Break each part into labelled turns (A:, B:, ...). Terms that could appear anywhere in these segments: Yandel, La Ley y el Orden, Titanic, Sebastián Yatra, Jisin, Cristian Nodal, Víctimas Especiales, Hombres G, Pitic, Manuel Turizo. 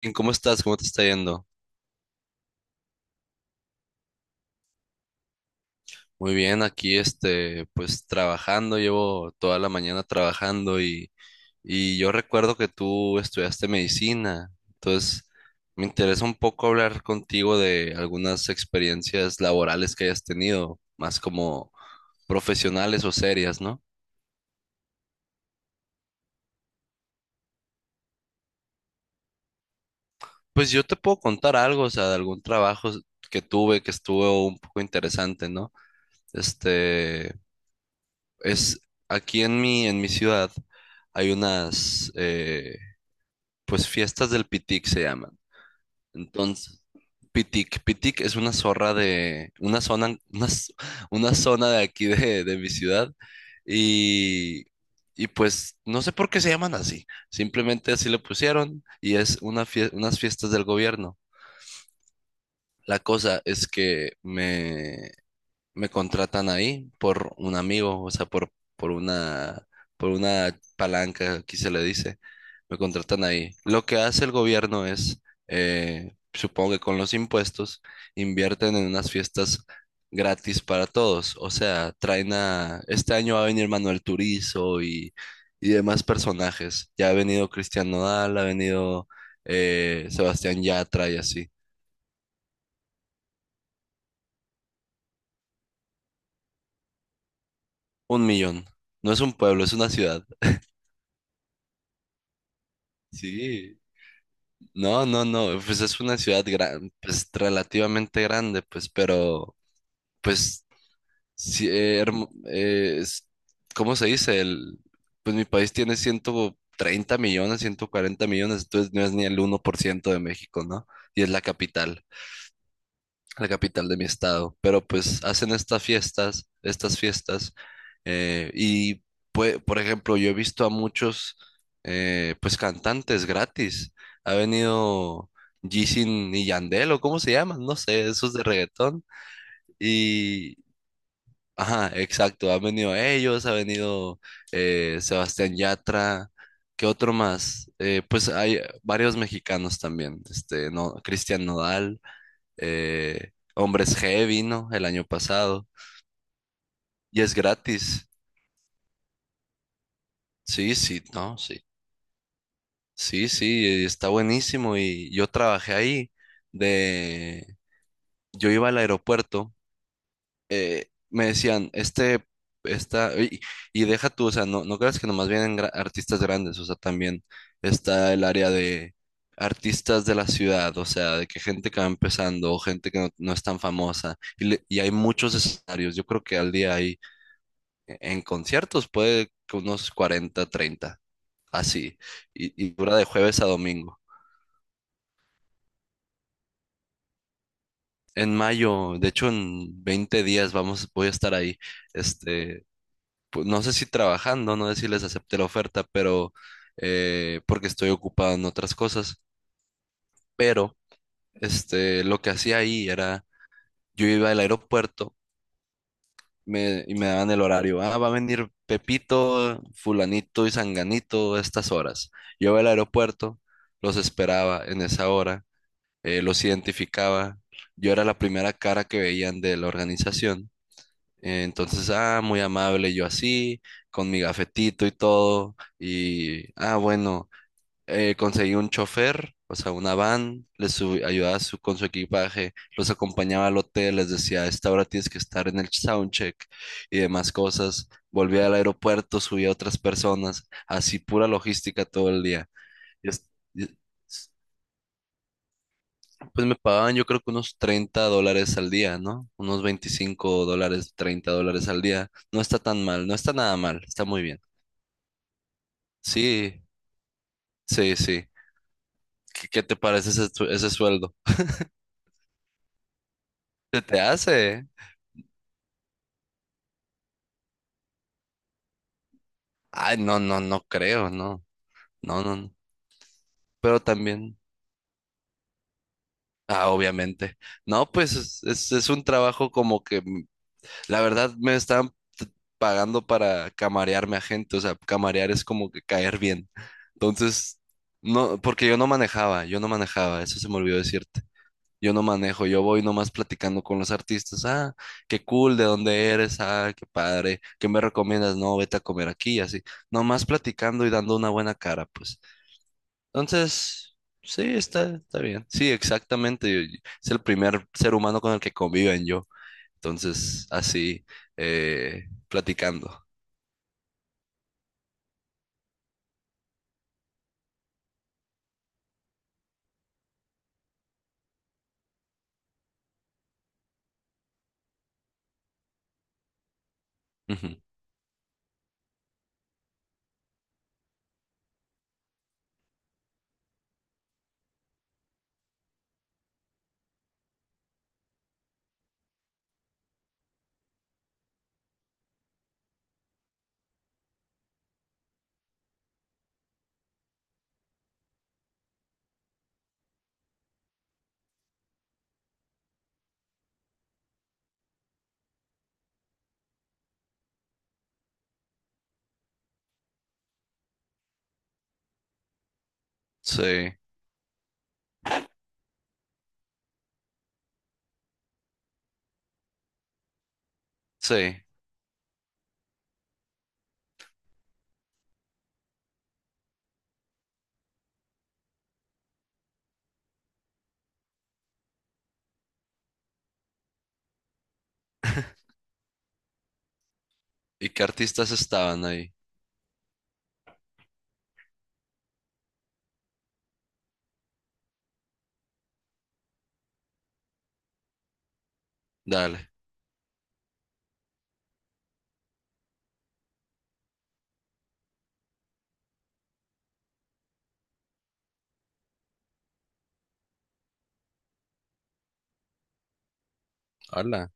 A: Bien, ¿cómo estás? ¿Cómo te está yendo? Muy bien, aquí este, pues trabajando, llevo toda la mañana trabajando y yo recuerdo que tú estudiaste medicina, entonces me interesa un poco hablar contigo de algunas experiencias laborales que hayas tenido, más como profesionales o serias, ¿no? Pues yo te puedo contar algo, o sea, de algún trabajo que tuve que estuvo un poco interesante, ¿no? Este, Es aquí en mi ciudad hay unas, pues fiestas del Pitic se llaman. Entonces, Pitic, Pitic es una zona, una zona de aquí de mi ciudad. Y, y pues no sé por qué se llaman así. Simplemente así le pusieron y es unas fiestas del gobierno. La cosa es que me contratan ahí por un amigo, o sea, por una palanca, aquí se le dice, me contratan ahí. Lo que hace el gobierno es, supongo que con los impuestos, invierten en unas fiestas gratis para todos, o sea, este año va a venir Manuel Turizo y demás personajes, ya ha venido Cristian Nodal, ha venido Sebastián Yatra y así, 1 millón. No es un pueblo, es una ciudad. Sí. No, no, no, pues es una ciudad pues relativamente grande, pues, pero, pues, sí, ¿cómo se dice? Pues mi país tiene 130 millones, 140 millones, entonces no es ni el 1% de México, ¿no? Y es la capital de mi estado, pero pues hacen estas fiestas, eh, y por ejemplo, yo he visto a muchos, pues cantantes gratis, ha venido Jisin y Yandel, o cómo se llaman, no sé, esos de reggaetón, y, ajá, exacto, han venido ellos, ha venido Sebastián Yatra. ¿Qué otro más? Pues hay varios mexicanos también, este, no, Cristian Nodal, Hombres G vino el año pasado y es gratis. Sí, sí, no, sí. Sí, sí, está buenísimo y yo trabajé ahí, de yo iba al aeropuerto, me decían, "Este, esta y deja tú, o sea, no no creas que nomás vienen artistas grandes, o sea, también está el área de artistas de la ciudad, o sea, de que gente que va empezando o gente que no, no es tan famosa y hay muchos escenarios. Yo creo que al día hay en conciertos puede que unos 40, 30 así. Y dura de jueves a domingo. En mayo, de hecho en 20 días voy a estar ahí. Este, no sé si trabajando, no sé si les acepté la oferta, pero porque estoy ocupado en otras cosas. Pero este, lo que hacía ahí era, yo iba al aeropuerto, y me daban el horario. Ah, va a venir Pepito, fulanito y sanganito a estas horas. Yo iba al aeropuerto, los esperaba en esa hora, los identificaba. Yo era la primera cara que veían de la organización. Entonces, ah, muy amable yo así, con mi gafetito y todo. Y, ah, bueno, conseguí un chofer, o sea, una van, ayudaba con su equipaje, los acompañaba al hotel, les decía, a esta hora tienes que estar en el soundcheck y demás cosas. Volvía al aeropuerto, subía a otras personas, así pura logística todo el día. Y es- y- Pues me pagaban yo creo que unos $30 al día, ¿no? Unos $25, $30 al día. No está tan mal, no está nada mal, está muy bien. Sí, sí, sí. ¿Qué te parece ese sueldo? ¿Se te hace? ¿Eh? Ay, no, no, no creo, no, no, no, no. Pero también, ah, obviamente. No, pues es un trabajo como que, la verdad, me están t- pagando para camarearme a gente, o sea, camarear es como que caer bien. Entonces, no, porque yo no manejaba, eso se me olvidó decirte. Yo no manejo, yo voy nomás platicando con los artistas, ah, qué cool, ¿de dónde eres? Ah, qué padre, ¿qué me recomiendas? No, vete a comer aquí, y así. Nomás platicando y dando una buena cara, pues. Entonces, sí, está bien. Sí, exactamente. Es el primer ser humano con el que conviven yo. Entonces, así, platicando. Ujú. Sí, sí. ¿Y qué artistas estaban ahí? Dale. Hola.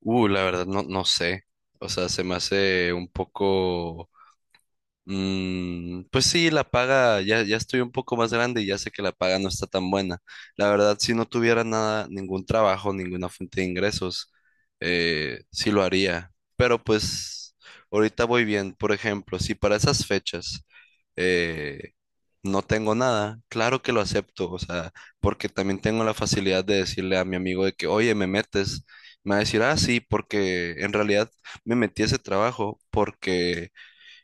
A: La verdad, no, no sé. O sea, se me hace un poco. Pues sí, la paga, ya, ya estoy un poco más grande y ya sé que la paga no está tan buena. La verdad, si no tuviera nada, ningún trabajo, ninguna fuente de ingresos, sí lo haría. Pero pues ahorita voy bien. Por ejemplo, si para esas fechas eh, no tengo nada, claro que lo acepto. O sea, porque también tengo la facilidad de decirle a mi amigo de que, oye, me metes. Me va a decir, ah, sí, porque en realidad me metí a ese trabajo porque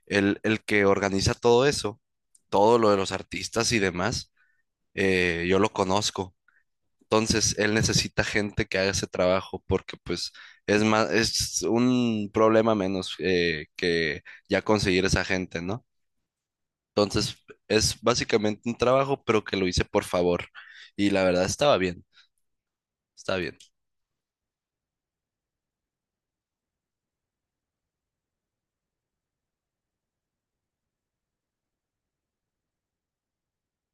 A: el que organiza todo eso, todo lo de los artistas y demás, yo lo conozco. Entonces, él necesita gente que haga ese trabajo porque pues es más, es un problema menos, que ya conseguir esa gente, ¿no? Entonces, es básicamente un trabajo, pero que lo hice por favor. Y la verdad estaba bien, está bien.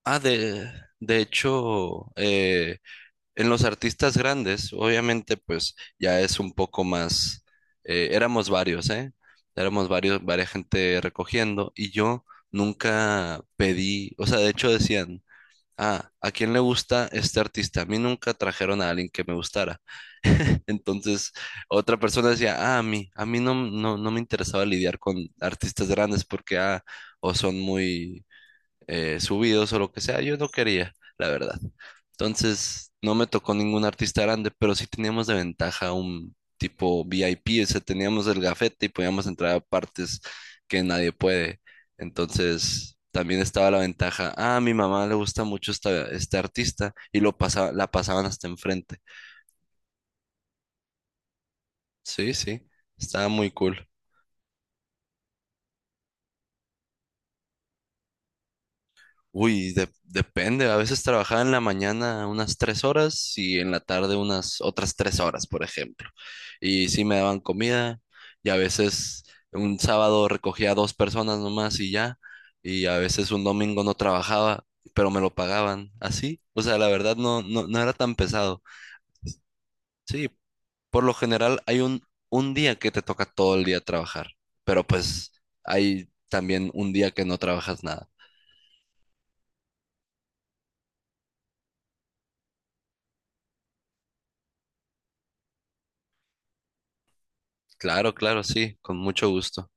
A: Ah, de hecho, en los artistas grandes, obviamente, pues ya es un poco más, éramos varios, ¿eh? Éramos varias gente recogiendo y yo nunca pedí, o sea, de hecho decían, ah, ¿a quién le gusta este artista? A mí nunca trajeron a alguien que me gustara. Entonces, otra persona decía, ah, a mí no, no, no me interesaba lidiar con artistas grandes porque, ah, o son muy subidos o lo que sea, yo no quería, la verdad. Entonces, no me tocó ningún artista grande, pero sí teníamos de ventaja un tipo VIP, o sea, teníamos el gafete y podíamos entrar a partes que nadie puede. Entonces, también estaba la ventaja, ah, a mi mamá le gusta mucho este artista y la pasaban hasta enfrente. Sí, sí, estaba muy cool. Uy, depende. A veces trabajaba en la mañana unas 3 horas y en la tarde unas otras 3 horas, por ejemplo. Y sí me daban comida y a veces un sábado recogía a dos personas nomás y ya. Y a veces un domingo no trabajaba, pero me lo pagaban así. O sea, la verdad no, no, no era tan pesado. Sí, por lo general hay un día que te toca todo el día trabajar, pero pues hay también un día que no trabajas nada. Claro, claro, sí, con mucho gusto.